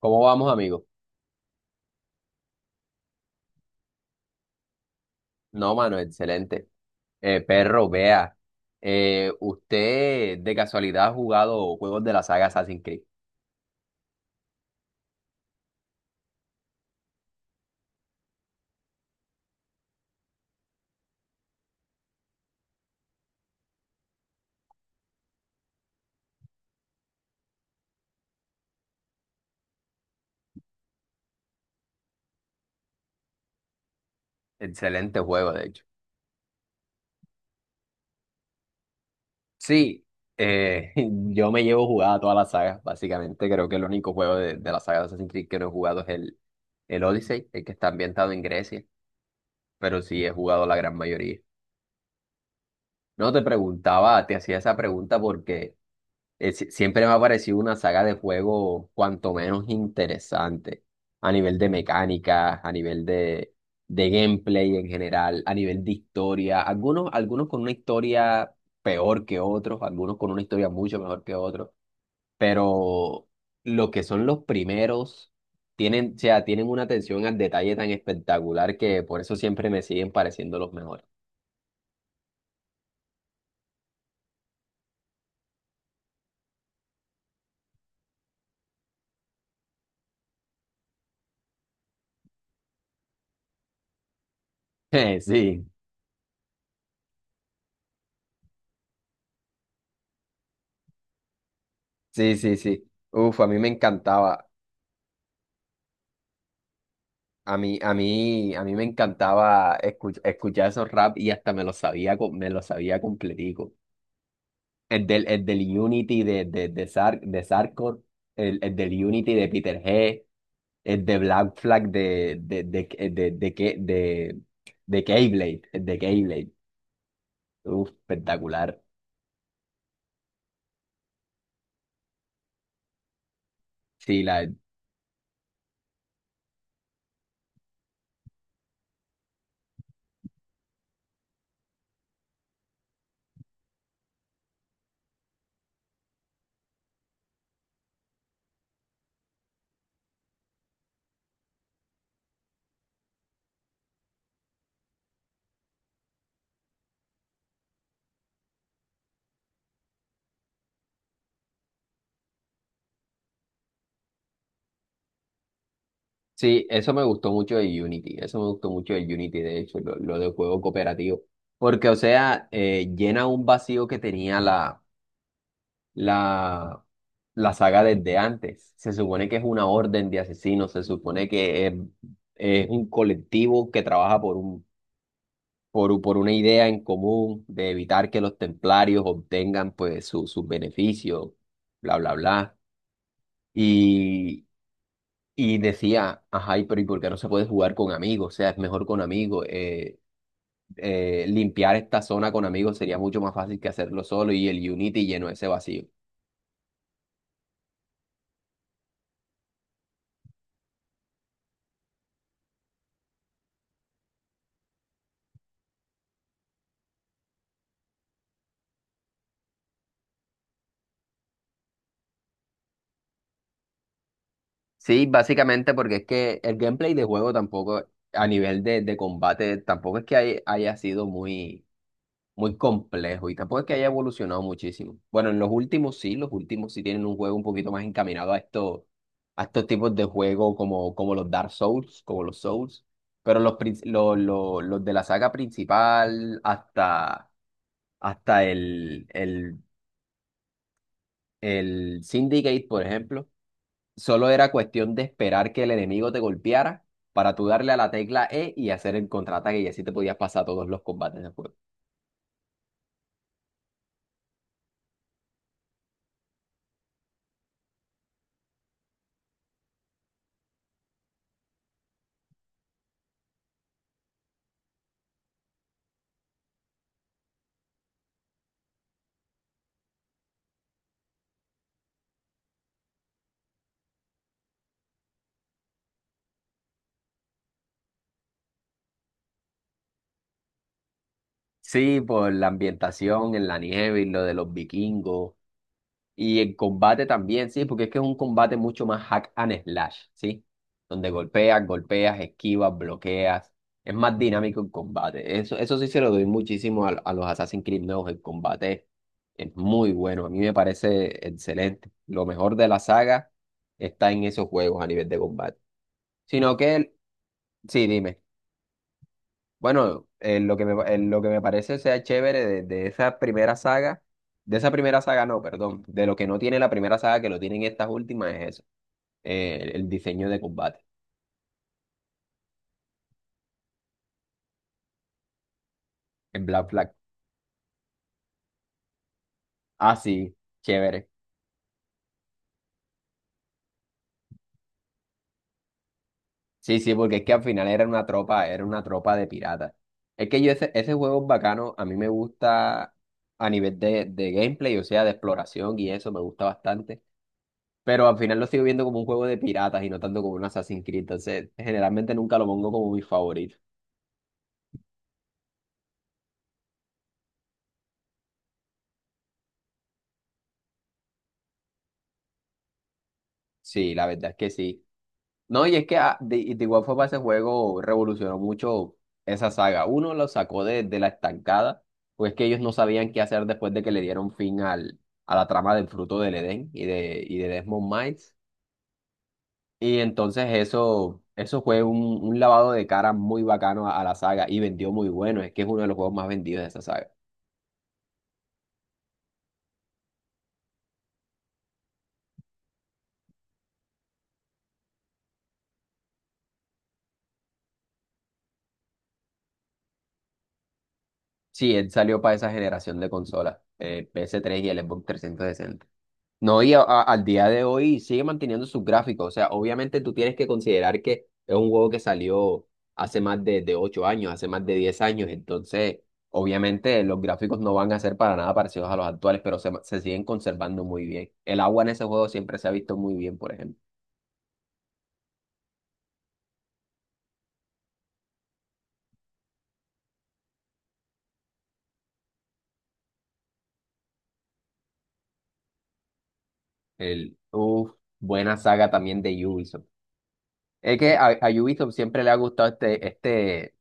¿Cómo vamos, amigo? No, mano, excelente. Perro, vea, usted de casualidad ha jugado juegos de la saga Assassin's Creed. Excelente juego, de hecho. Sí, eh, yo me llevo jugada toda la saga, básicamente. Creo que el único juego de la saga de Assassin's Creed que no he jugado es el Odyssey, el que está ambientado en Grecia, pero sí he jugado la gran mayoría. No te preguntaba, te hacía esa pregunta porque siempre me ha parecido una saga de juego cuanto menos interesante a nivel de mecánica, a nivel de gameplay en general, a nivel de historia. Algunos, algunos con una historia peor que otros, algunos con una historia mucho mejor que otros, pero lo que son los primeros tienen, o sea, tienen una atención al detalle tan espectacular que por eso siempre me siguen pareciendo los mejores. Sí, sí, sí, sí. Uf, a mí me encantaba. A mí me encantaba escuchar esos rap y hasta me los sabía, me los sabía completico. El del Unity de Sarkor, el del Unity de Peter G, el de Black Flag de Keyblade, el de Keyblade. Uf, espectacular. Sí, la, sí, eso me gustó mucho de Unity, eso me gustó mucho de Unity, de hecho, lo de juego cooperativo. Porque, o sea, llena un vacío que tenía la, la saga desde antes. Se supone que es una orden de asesinos, se supone que es un colectivo que trabaja por por una idea en común de evitar que los templarios obtengan pues sus beneficios, bla, bla, bla. Y, y decía, ajá, ¿y por qué no se puede jugar con amigos? O sea, es mejor con amigos. Limpiar esta zona con amigos sería mucho más fácil que hacerlo solo y el Unity llenó ese vacío. Sí, básicamente porque es que el gameplay de juego tampoco, a nivel de combate, tampoco es que haya sido muy, muy complejo y tampoco es que haya evolucionado muchísimo. Bueno, en los últimos sí tienen un juego un poquito más encaminado a estos tipos de juego como los Dark Souls, como los Souls, pero los de la saga principal hasta el Syndicate, por ejemplo. Solo era cuestión de esperar que el enemigo te golpeara para tú darle a la tecla E y hacer el contraataque y así te podías pasar todos los combates del juego. Sí, por la ambientación en la nieve y lo de los vikingos. Y en combate también, sí, porque es que es un combate mucho más hack and slash, ¿sí? Donde golpeas, golpeas, esquivas, bloqueas. Es más dinámico el combate. Eso sí se lo doy muchísimo a los Assassin's Creed nuevos. El combate es muy bueno. A mí me parece excelente. Lo mejor de la saga está en esos juegos a nivel de combate. Sino que, sí, dime. Bueno, en lo que me, en lo que me parece o sea chévere de esa primera saga, de esa primera saga no, perdón, de lo que no tiene la primera saga que lo tienen estas últimas es eso, el diseño de combate en Black Flag. Ah, sí, chévere. Sí, sí, porque es que al final era una tropa de piratas. Es que yo ese juego es bacano, a mí me gusta a nivel de gameplay, o sea, de exploración y eso, me gusta bastante. Pero al final lo sigo viendo como un juego de piratas y no tanto como un Assassin's Creed. Entonces, generalmente nunca lo pongo como mi favorito. Sí, la verdad es que sí. No, y es que de igual forma ese juego revolucionó mucho esa saga. Uno lo sacó de la estancada, pues que ellos no sabían qué hacer después de que le dieron fin al, a la trama del Fruto del Edén y de Desmond Miles. Y entonces eso fue un lavado de cara muy bacano a la saga y vendió muy bueno. Es que es uno de los juegos más vendidos de esa saga. Sí, él salió para esa generación de consolas, PS3 y el Xbox 360. No, y al día de hoy sigue manteniendo sus gráficos. O sea, obviamente tú tienes que considerar que es un juego que salió hace más de 8 años, hace más de 10 años. Entonces, obviamente los gráficos no van a ser para nada parecidos a los actuales, pero se siguen conservando muy bien. El agua en ese juego siempre se ha visto muy bien, por ejemplo. Uf, buena saga también de Ubisoft. Es que a Ubisoft siempre le ha gustado este.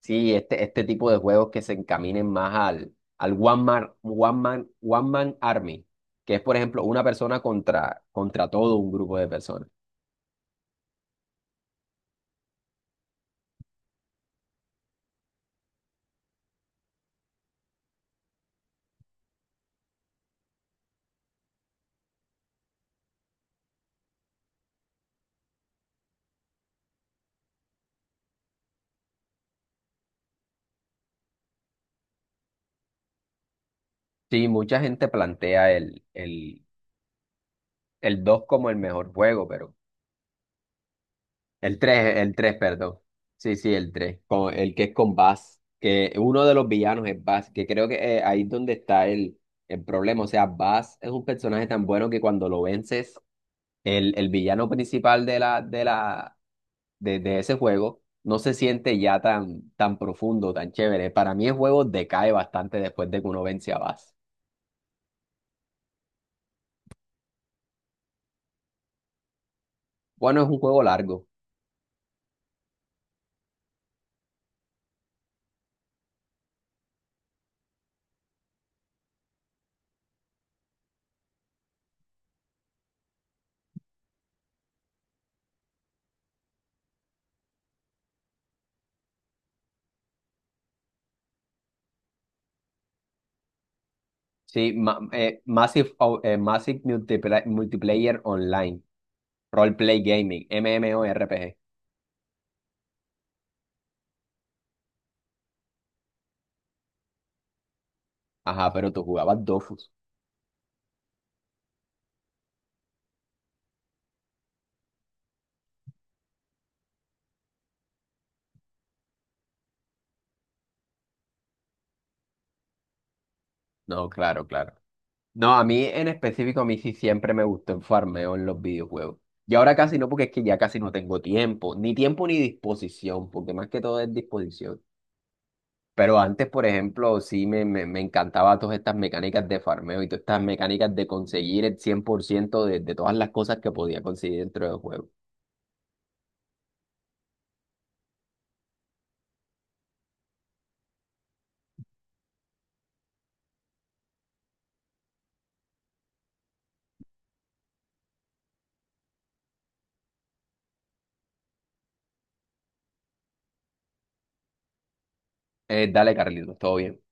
Sí, este tipo de juegos que se encaminen más al One Man Army, que es, por ejemplo, una persona contra todo un grupo de personas. Sí, mucha gente plantea el 2 como el mejor juego, pero el tres, el tres, perdón. Sí, sí, el 3 con, el que es con Bass, que uno de los villanos es Bass, que creo que ahí es donde está el problema. O sea, Bass es un personaje tan bueno que cuando lo vences, el villano principal de la, de ese juego no se siente ya tan, tan profundo, tan chévere. Para mí el juego decae bastante después de que uno vence a Bass. Bueno, es un juego largo. Sí, Massive Multiplayer Online, Roleplay Gaming, MMORPG. Ajá, pero tú jugabas Dofus. No, claro, claro. No, a mí en específico, a mí sí siempre me gustó el farmeo en los videojuegos. Y ahora casi no, porque es que ya casi no tengo tiempo ni disposición, porque más que todo es disposición. Pero antes, por ejemplo, sí me encantaba todas estas mecánicas de farmeo y todas estas mecánicas de conseguir el 100% de todas las cosas que podía conseguir dentro del juego. Dale, Carlitos, todo bien.